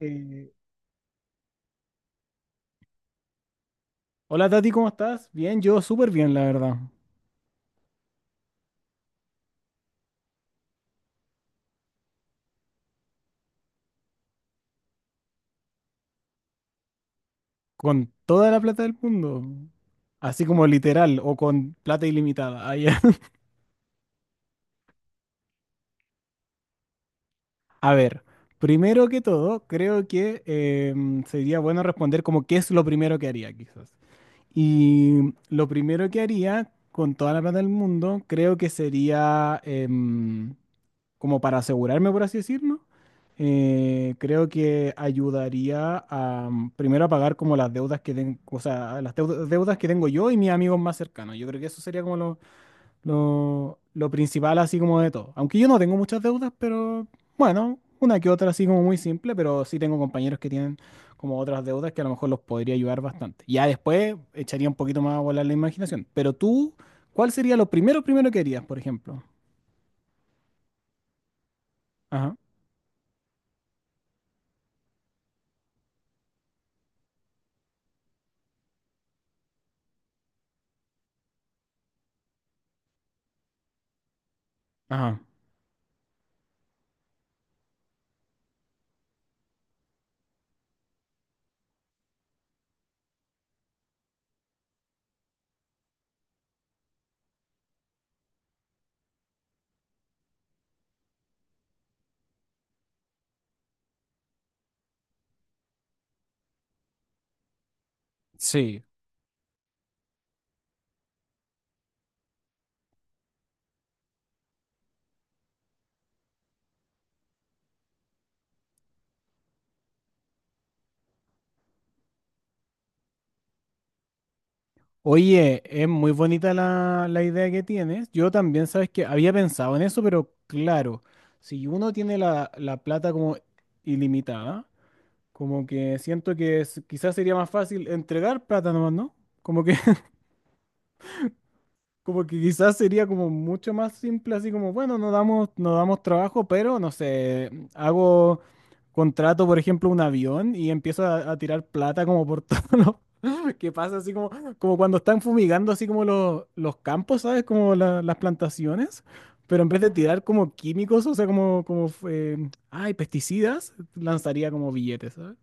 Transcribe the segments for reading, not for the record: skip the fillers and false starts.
Eh, hola Tati, ¿cómo estás? Bien, yo súper bien, la verdad. Con toda la plata del mundo. Así como literal, o con plata ilimitada. Ah, ya. A ver, primero que todo, creo que sería bueno responder como qué es lo primero que haría, quizás. Y lo primero que haría con toda la plata del mundo, creo que sería... como para asegurarme, por así decirlo, creo que ayudaría a primero a pagar como las deudas que tengo, o sea, deudas que tengo yo y mis amigos más cercanos. Yo creo que eso sería como lo principal, así como de todo. Aunque yo no tengo muchas deudas, pero bueno, una que otra así como muy simple, pero sí tengo compañeros que tienen como otras deudas que a lo mejor los podría ayudar bastante. Ya después echaría un poquito más a volar la imaginación. Pero tú, ¿cuál sería lo primero, primero que harías, por ejemplo? Ajá, ajá. Sí. Oye, es muy bonita la idea que tienes. Yo también, sabes que había pensado en eso, pero claro, si uno tiene la plata como ilimitada, como que siento que quizás sería más fácil entregar plata nomás, ¿no? Como que, como que quizás sería como mucho más simple, así como, bueno, no damos, no damos trabajo, pero no sé, hago, contrato, por ejemplo, un avión y empiezo a tirar plata como por todos los que pasa así como, como cuando están fumigando así como los campos, ¿sabes? Como las plantaciones, pero en vez de tirar como químicos, o sea, como, como ay, pesticidas, lanzaría como billetes, ¿sabes?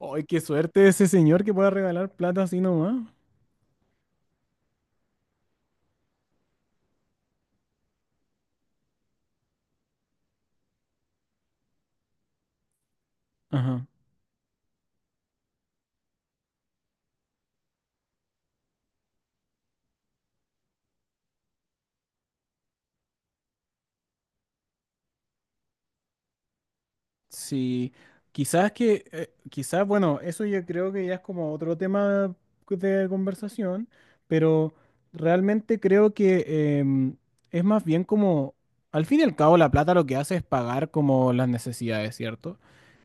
¡Ay, qué suerte ese señor que pueda regalar plata así nomás! Ajá. Sí, quizás que, quizás, bueno, eso yo creo que ya es como otro tema de conversación, pero realmente creo que es más bien como, al fin y al cabo, la plata lo que hace es pagar como las necesidades, ¿cierto?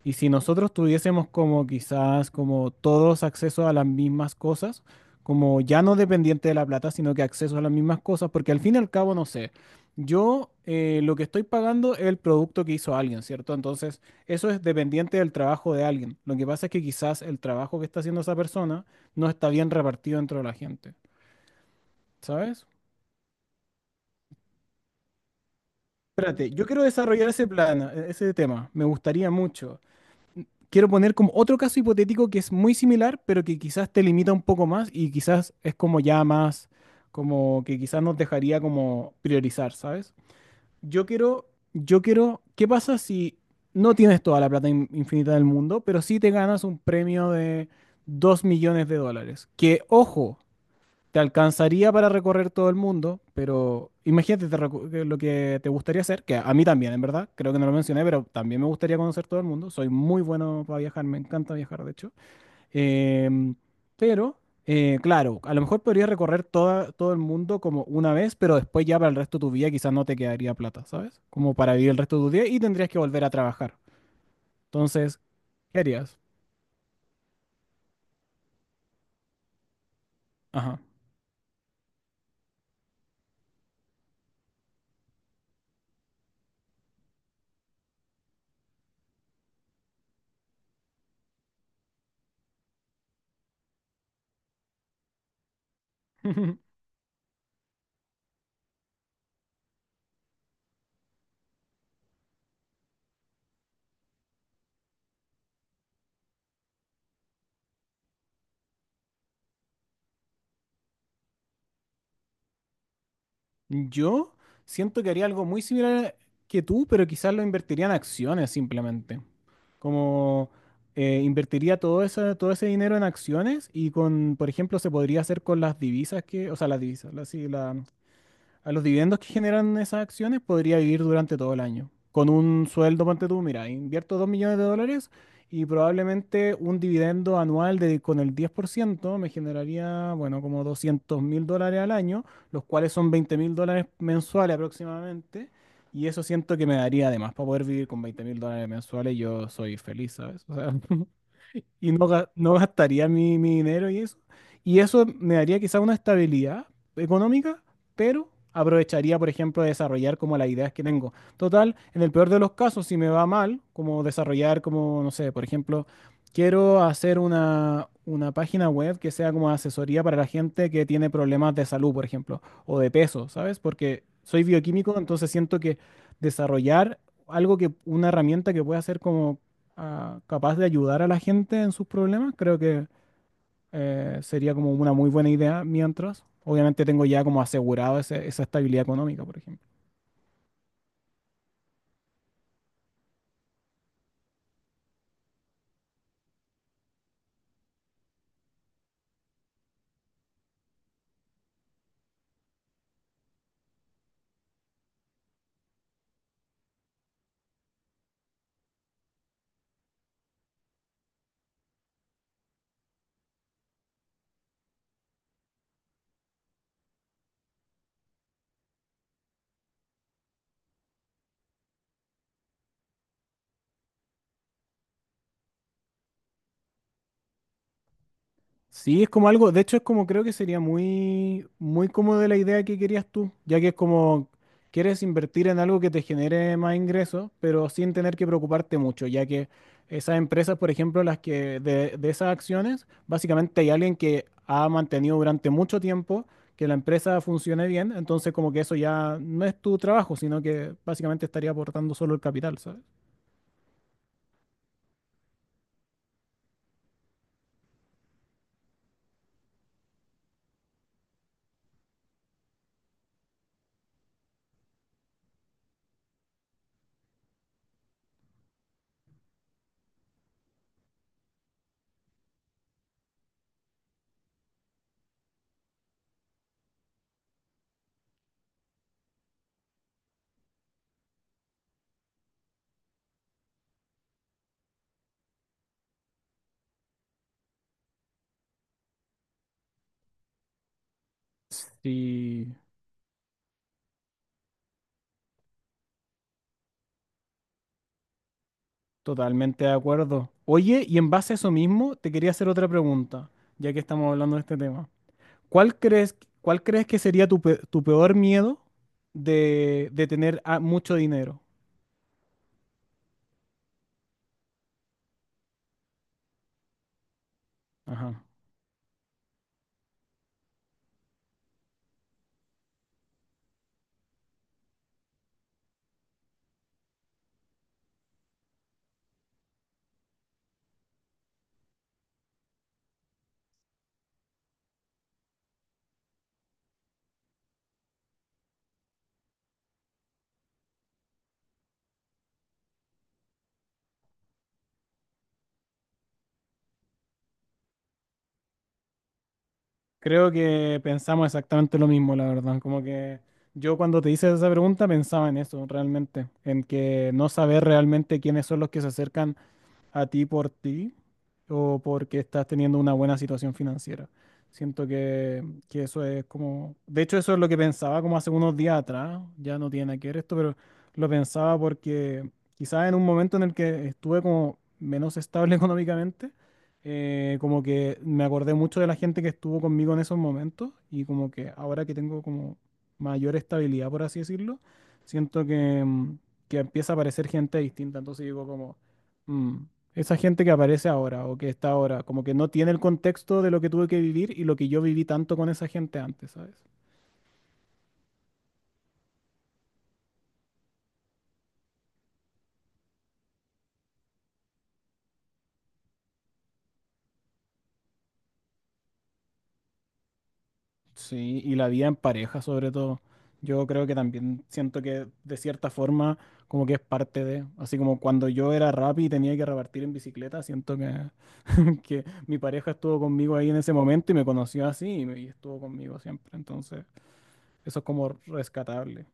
Y si nosotros tuviésemos como quizás como todos acceso a las mismas cosas, como ya no dependiente de la plata, sino que acceso a las mismas cosas, porque al fin y al cabo, no sé, yo lo que estoy pagando es el producto que hizo alguien, ¿cierto? Entonces... Eso es dependiente del trabajo de alguien. Lo que pasa es que quizás el trabajo que está haciendo esa persona no está bien repartido dentro de la gente, ¿sabes? Espérate, yo quiero desarrollar ese plan, ese tema. Me gustaría mucho. Quiero poner como otro caso hipotético que es muy similar, pero que quizás te limita un poco más y quizás es como ya más, como que quizás nos dejaría como priorizar, ¿sabes? Yo quiero, yo quiero, ¿qué pasa si no tienes toda la plata infinita del mundo, pero sí te ganas un premio de $2.000.000? Que, ojo, te alcanzaría para recorrer todo el mundo, pero imagínate que lo que te gustaría hacer, que a mí también, en verdad, creo que no lo mencioné, pero también me gustaría conocer todo el mundo. Soy muy bueno para viajar, me encanta viajar, de hecho. Em, pero, claro, a lo mejor podrías recorrer todo el mundo como una vez, pero después ya para el resto de tu vida quizás no te quedaría plata, ¿sabes? Como para vivir el resto de tu día y tendrías que volver a trabajar. Entonces, ¿qué harías? Ajá. Yo siento que haría algo muy similar que tú, pero quizás lo invertiría en acciones simplemente. Como invertiría todo ese dinero en acciones y con, por ejemplo, se podría hacer con las divisas que, o sea, las divisas. A los dividendos que generan esas acciones podría vivir durante todo el año. Con un sueldo, ponte tú, mira, invierto $2.000.000 y probablemente un dividendo anual de, con el 10% me generaría, bueno, como $200.000 al año, los cuales son $20.000 mensuales aproximadamente. Y eso siento que me daría además para poder vivir con $20.000 mensuales. Yo soy feliz, ¿sabes? O sea, y no, no gastaría mi dinero y eso. Y eso me daría quizá una estabilidad económica, pero aprovecharía, por ejemplo, de desarrollar como las ideas que tengo. Total, en el peor de los casos, si me va mal, como desarrollar como, no sé, por ejemplo, quiero hacer una página web que sea como asesoría para la gente que tiene problemas de salud, por ejemplo, o de peso, ¿sabes? Porque soy bioquímico, entonces siento que desarrollar algo que, una herramienta que pueda ser como capaz de ayudar a la gente en sus problemas, creo que sería como una muy buena idea mientras. Obviamente tengo ya como asegurado esa estabilidad económica, por ejemplo. Sí, es como algo, de hecho es como creo que sería muy, muy como de la idea que querías tú, ya que es como quieres invertir en algo que te genere más ingresos, pero sin tener que preocuparte mucho, ya que esas empresas, por ejemplo, las que de esas acciones, básicamente hay alguien que ha mantenido durante mucho tiempo que la empresa funcione bien, entonces como que eso ya no es tu trabajo, sino que básicamente estaría aportando solo el capital, ¿sabes? Sí. Totalmente de acuerdo. Oye, y en base a eso mismo, te quería hacer otra pregunta, ya que estamos hablando de este tema. ¿Cuál crees, cuál crees que sería tu, tu peor miedo de tener mucho dinero? Ajá. Creo que pensamos exactamente lo mismo, la verdad. Como que yo cuando te hice esa pregunta pensaba en eso, realmente, en que no saber realmente quiénes son los que se acercan a ti por ti o porque estás teniendo una buena situación financiera. Siento que eso es como, de hecho eso es lo que pensaba como hace unos días atrás, ya no tiene nada que ver esto, pero lo pensaba porque quizás en un momento en el que estuve como menos estable económicamente, como que me acordé mucho de la gente que estuvo conmigo en esos momentos y como que ahora que tengo como mayor estabilidad, por así decirlo, siento que, que empieza a aparecer gente distinta, entonces digo como... Mm. Esa gente que aparece ahora o que está ahora, como que no tiene el contexto de lo que tuve que vivir y lo que yo viví tanto con esa gente antes, ¿sabes? Sí, y la vida en pareja sobre todo. Yo creo que también siento que de cierta forma como que es parte de, así como cuando yo era rap y tenía que repartir en bicicleta, siento que, que mi pareja estuvo conmigo ahí en ese momento y me conoció así y estuvo conmigo siempre. Entonces, eso es como rescatable.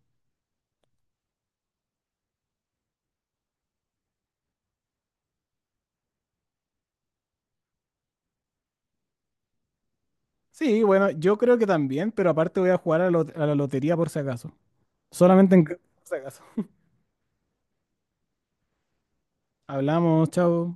Sí, bueno, yo creo que también, pero aparte voy a jugar a, a la lotería por si acaso. Solamente en caso. Hablamos, chao.